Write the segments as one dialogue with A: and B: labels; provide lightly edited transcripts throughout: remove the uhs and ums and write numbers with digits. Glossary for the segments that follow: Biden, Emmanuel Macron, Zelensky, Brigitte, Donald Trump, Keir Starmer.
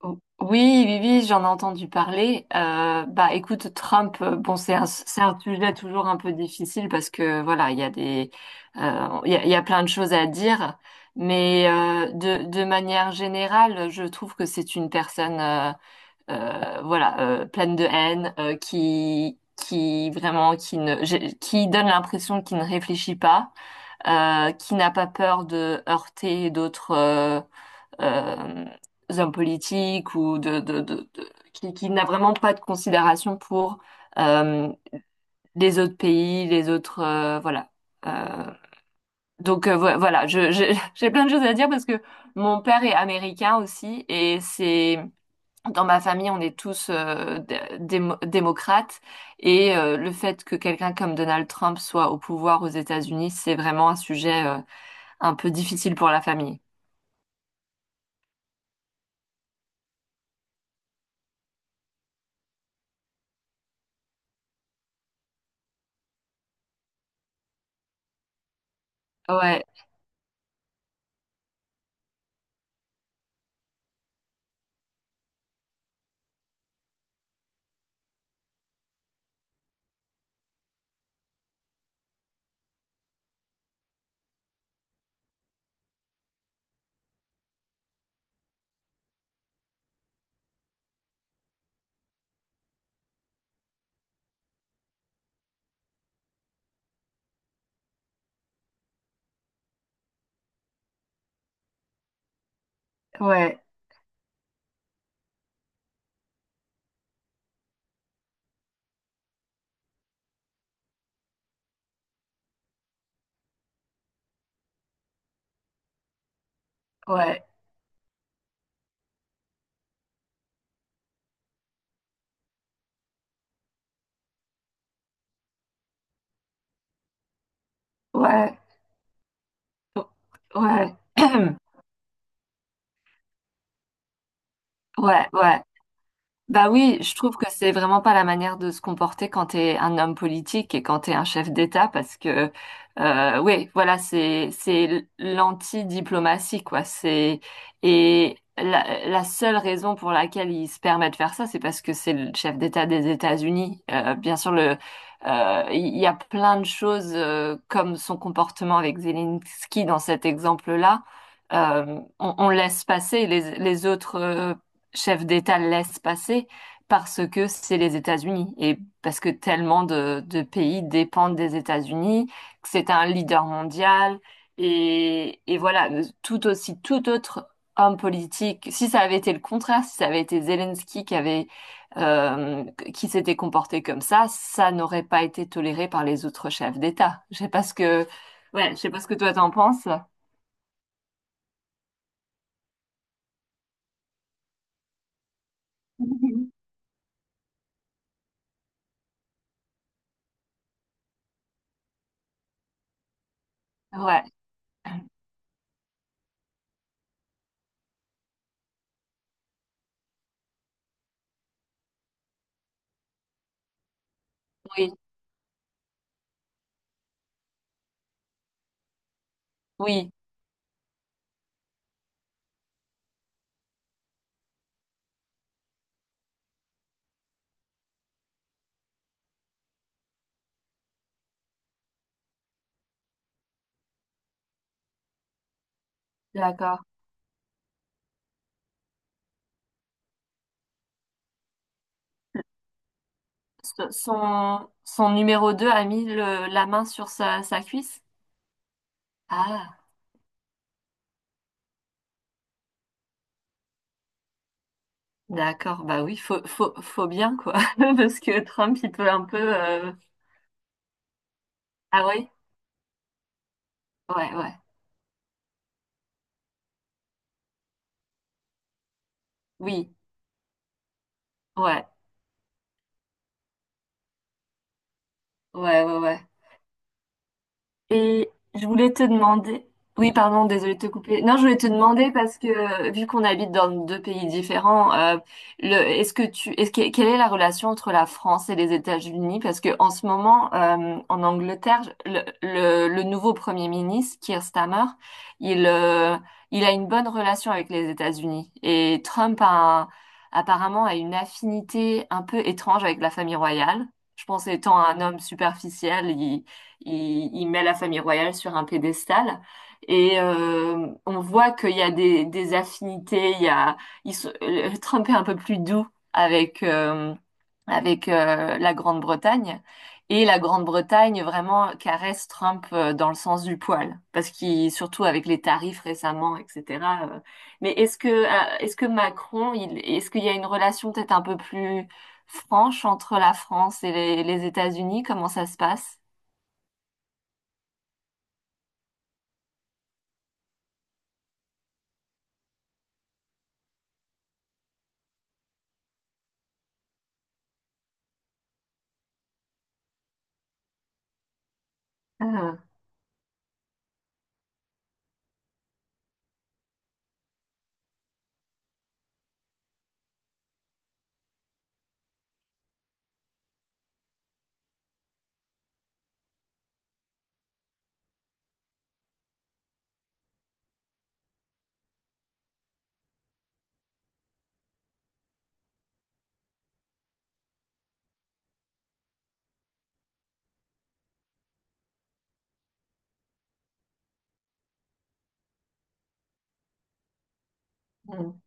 A: Oui, oui, oui, j'en ai entendu parler. Écoute, Trump, bon, c'est un sujet toujours un peu difficile parce que voilà, il y a des, il y a plein de choses à dire, mais de manière générale, je trouve que c'est une personne, voilà, pleine de haine, qui vraiment, qui donne l'impression qu'il ne réfléchit pas, qui n'a pas peur de heurter d'autres. Euh, hommes politiques ou qui n'a vraiment pas de considération pour euh, les autres pays, les autres voilà. Euh, voilà, j'ai plein de choses à dire parce que mon père est américain aussi et c'est dans ma famille on est tous démocrates et le fait que quelqu'un comme Donald Trump soit au pouvoir aux États-Unis, c'est vraiment un sujet un peu difficile pour la famille. Ouais, ouais, ouais, ouais. Ouais, ouais, ouais. Bah oui, je trouve que c'est vraiment pas la manière de se comporter quand t'es un homme politique et quand t'es un chef d'État parce que oui, voilà, c'est l'anti-diplomatie quoi. C'est et la seule raison pour laquelle il se permet de faire ça, c'est parce que c'est le chef d'État des États-Unis. Bien sûr, le il y a plein de choses comme son comportement avec Zelensky dans cet exemple-là. On laisse passer les autres chef d'État laisse passer parce que c'est les États-Unis et parce que tellement de pays dépendent des États-Unis, que c'est un leader mondial et voilà, tout aussi tout autre homme politique, si ça avait été le contraire, si ça avait été Zelensky qui avait euh, qui s'était comporté comme ça n'aurait pas été toléré par les autres chefs d'État. Je sais pas ce que ouais, je sais pas ce que toi t'en penses. Ouais, oui, oui, d'accord. Son, son numéro 2 a mis la main sur sa, sa cuisse? Ah, d'accord, bah oui, faut, faut, faut bien, quoi. Parce que Trump, il peut un peu... Ah oui? Ouais, ouais. Oui, ouais, ouais, ouais, ouais. Et je voulais te demander, oui, pardon, désolée de te couper. Non, je voulais te demander parce que vu qu'on habite dans deux pays différents, est-ce que tu, est-ce que, quelle est la relation entre la France et les États-Unis? Parce que en ce moment, en Angleterre, le nouveau Premier ministre, Keir Starmer, il, euh, il a une bonne relation avec les États-Unis et apparemment a une affinité un peu étrange avec la famille royale. Je pense étant un homme superficiel, il met la famille royale sur un pédestal et on voit qu'il y a des affinités. Il y a, ils sont- Trump est un peu plus doux avec euh, avec la Grande-Bretagne et la Grande-Bretagne vraiment caresse Trump dans le sens du poil parce qu'il surtout avec les tarifs récemment, etc. Mais est-ce que Macron, est-ce qu'il y a une relation peut-être un peu plus franche entre la France et les États-Unis? Comment ça se passe? Mm.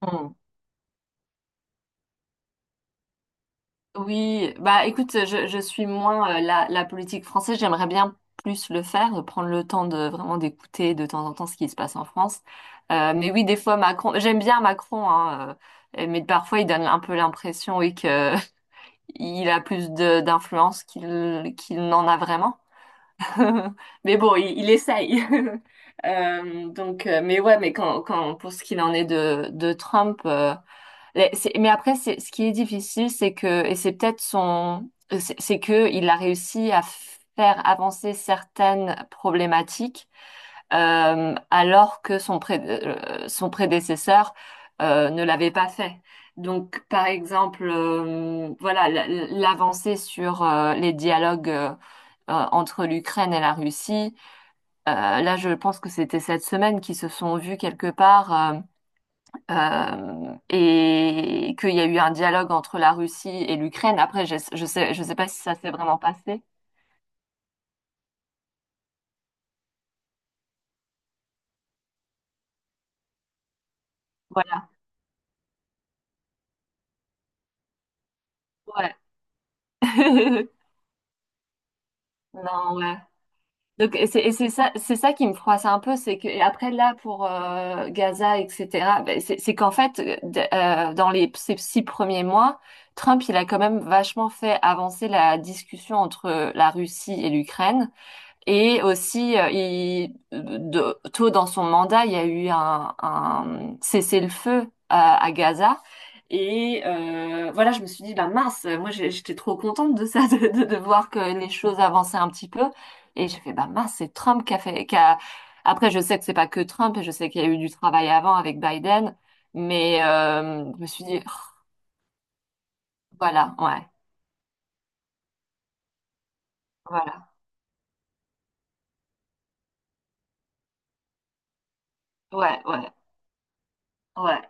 A: Mm. Oui, bah écoute, je suis moins la politique française, j'aimerais bien plus le faire, prendre le temps de vraiment d'écouter de temps en temps ce qui se passe en France. Mais oui, des fois Macron, j'aime bien Macron, hein, mais parfois il donne un peu l'impression, oui, que il a plus de d'influence qu'il n'en a vraiment. Mais bon, il essaye. Mais ouais, mais quand pour ce qu'il en est de Trump. Mais mais après, c'est, ce qui est difficile, c'est que, et c'est peut-être son, c'est que il a réussi à faire avancer certaines problématiques, alors que son prédécesseur, ne l'avait pas fait. Donc, par exemple, voilà, l'avancée sur les dialogues entre l'Ukraine et la Russie. Là, je pense que c'était cette semaine qu'ils se sont vus quelque part. Et qu'il y a eu un dialogue entre la Russie et l'Ukraine. Après, je sais pas si ça s'est vraiment passé. Voilà. Ouais. Non, ouais. Donc, et c'est ça qui me froisse un peu, c'est que, et après, là, pour Gaza, etc., c'est qu'en fait, dans ces 6 premiers mois, Trump, il a quand même vachement fait avancer la discussion entre la Russie et l'Ukraine. Et aussi, tôt dans son mandat, il y a eu un cessez-le-feu à Gaza. Et voilà, je me suis dit, bah mince, j'étais trop contente de ça, de voir que les choses avançaient un petit peu. Et j'ai fait, bah mince, c'est Trump qui a fait. Après, je sais que c'est pas que Trump, et je sais qu'il y a eu du travail avant avec Biden, mais je me suis dit, Oh, voilà, ouais, voilà, ouais, ouais, ouais.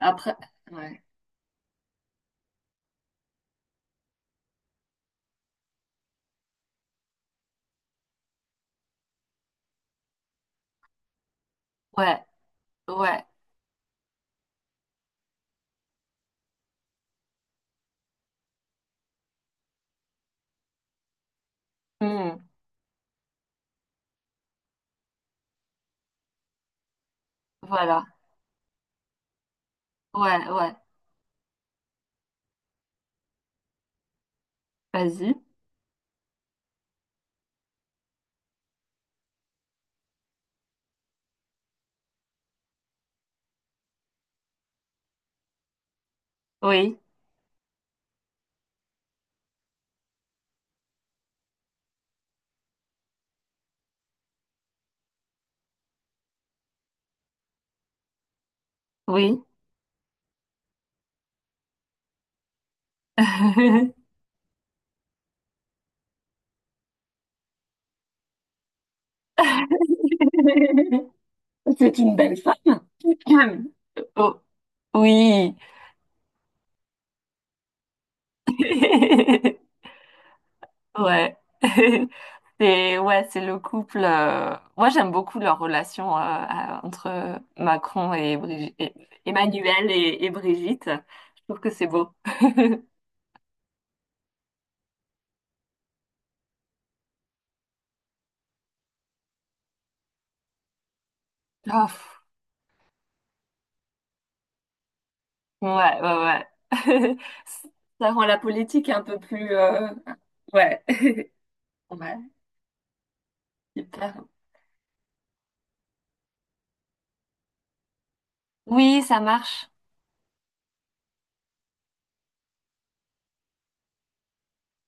A: Après, ouais, ouais, ouais. Hmm. Voilà. Ouais, ouais, vas-y. Oui, oui. C'est une belle femme. Oh, oui. Ouais. C'est ouais, c'est le couple. Moi, j'aime beaucoup leur relation entre Macron et, Brigi- et- Emmanuel et Brigitte. Je trouve que c'est beau. Ah, pff, ouais, ouais, ouais. Ça rend la politique un peu plus. Ouais, ouais, hyper. Oui, ça marche.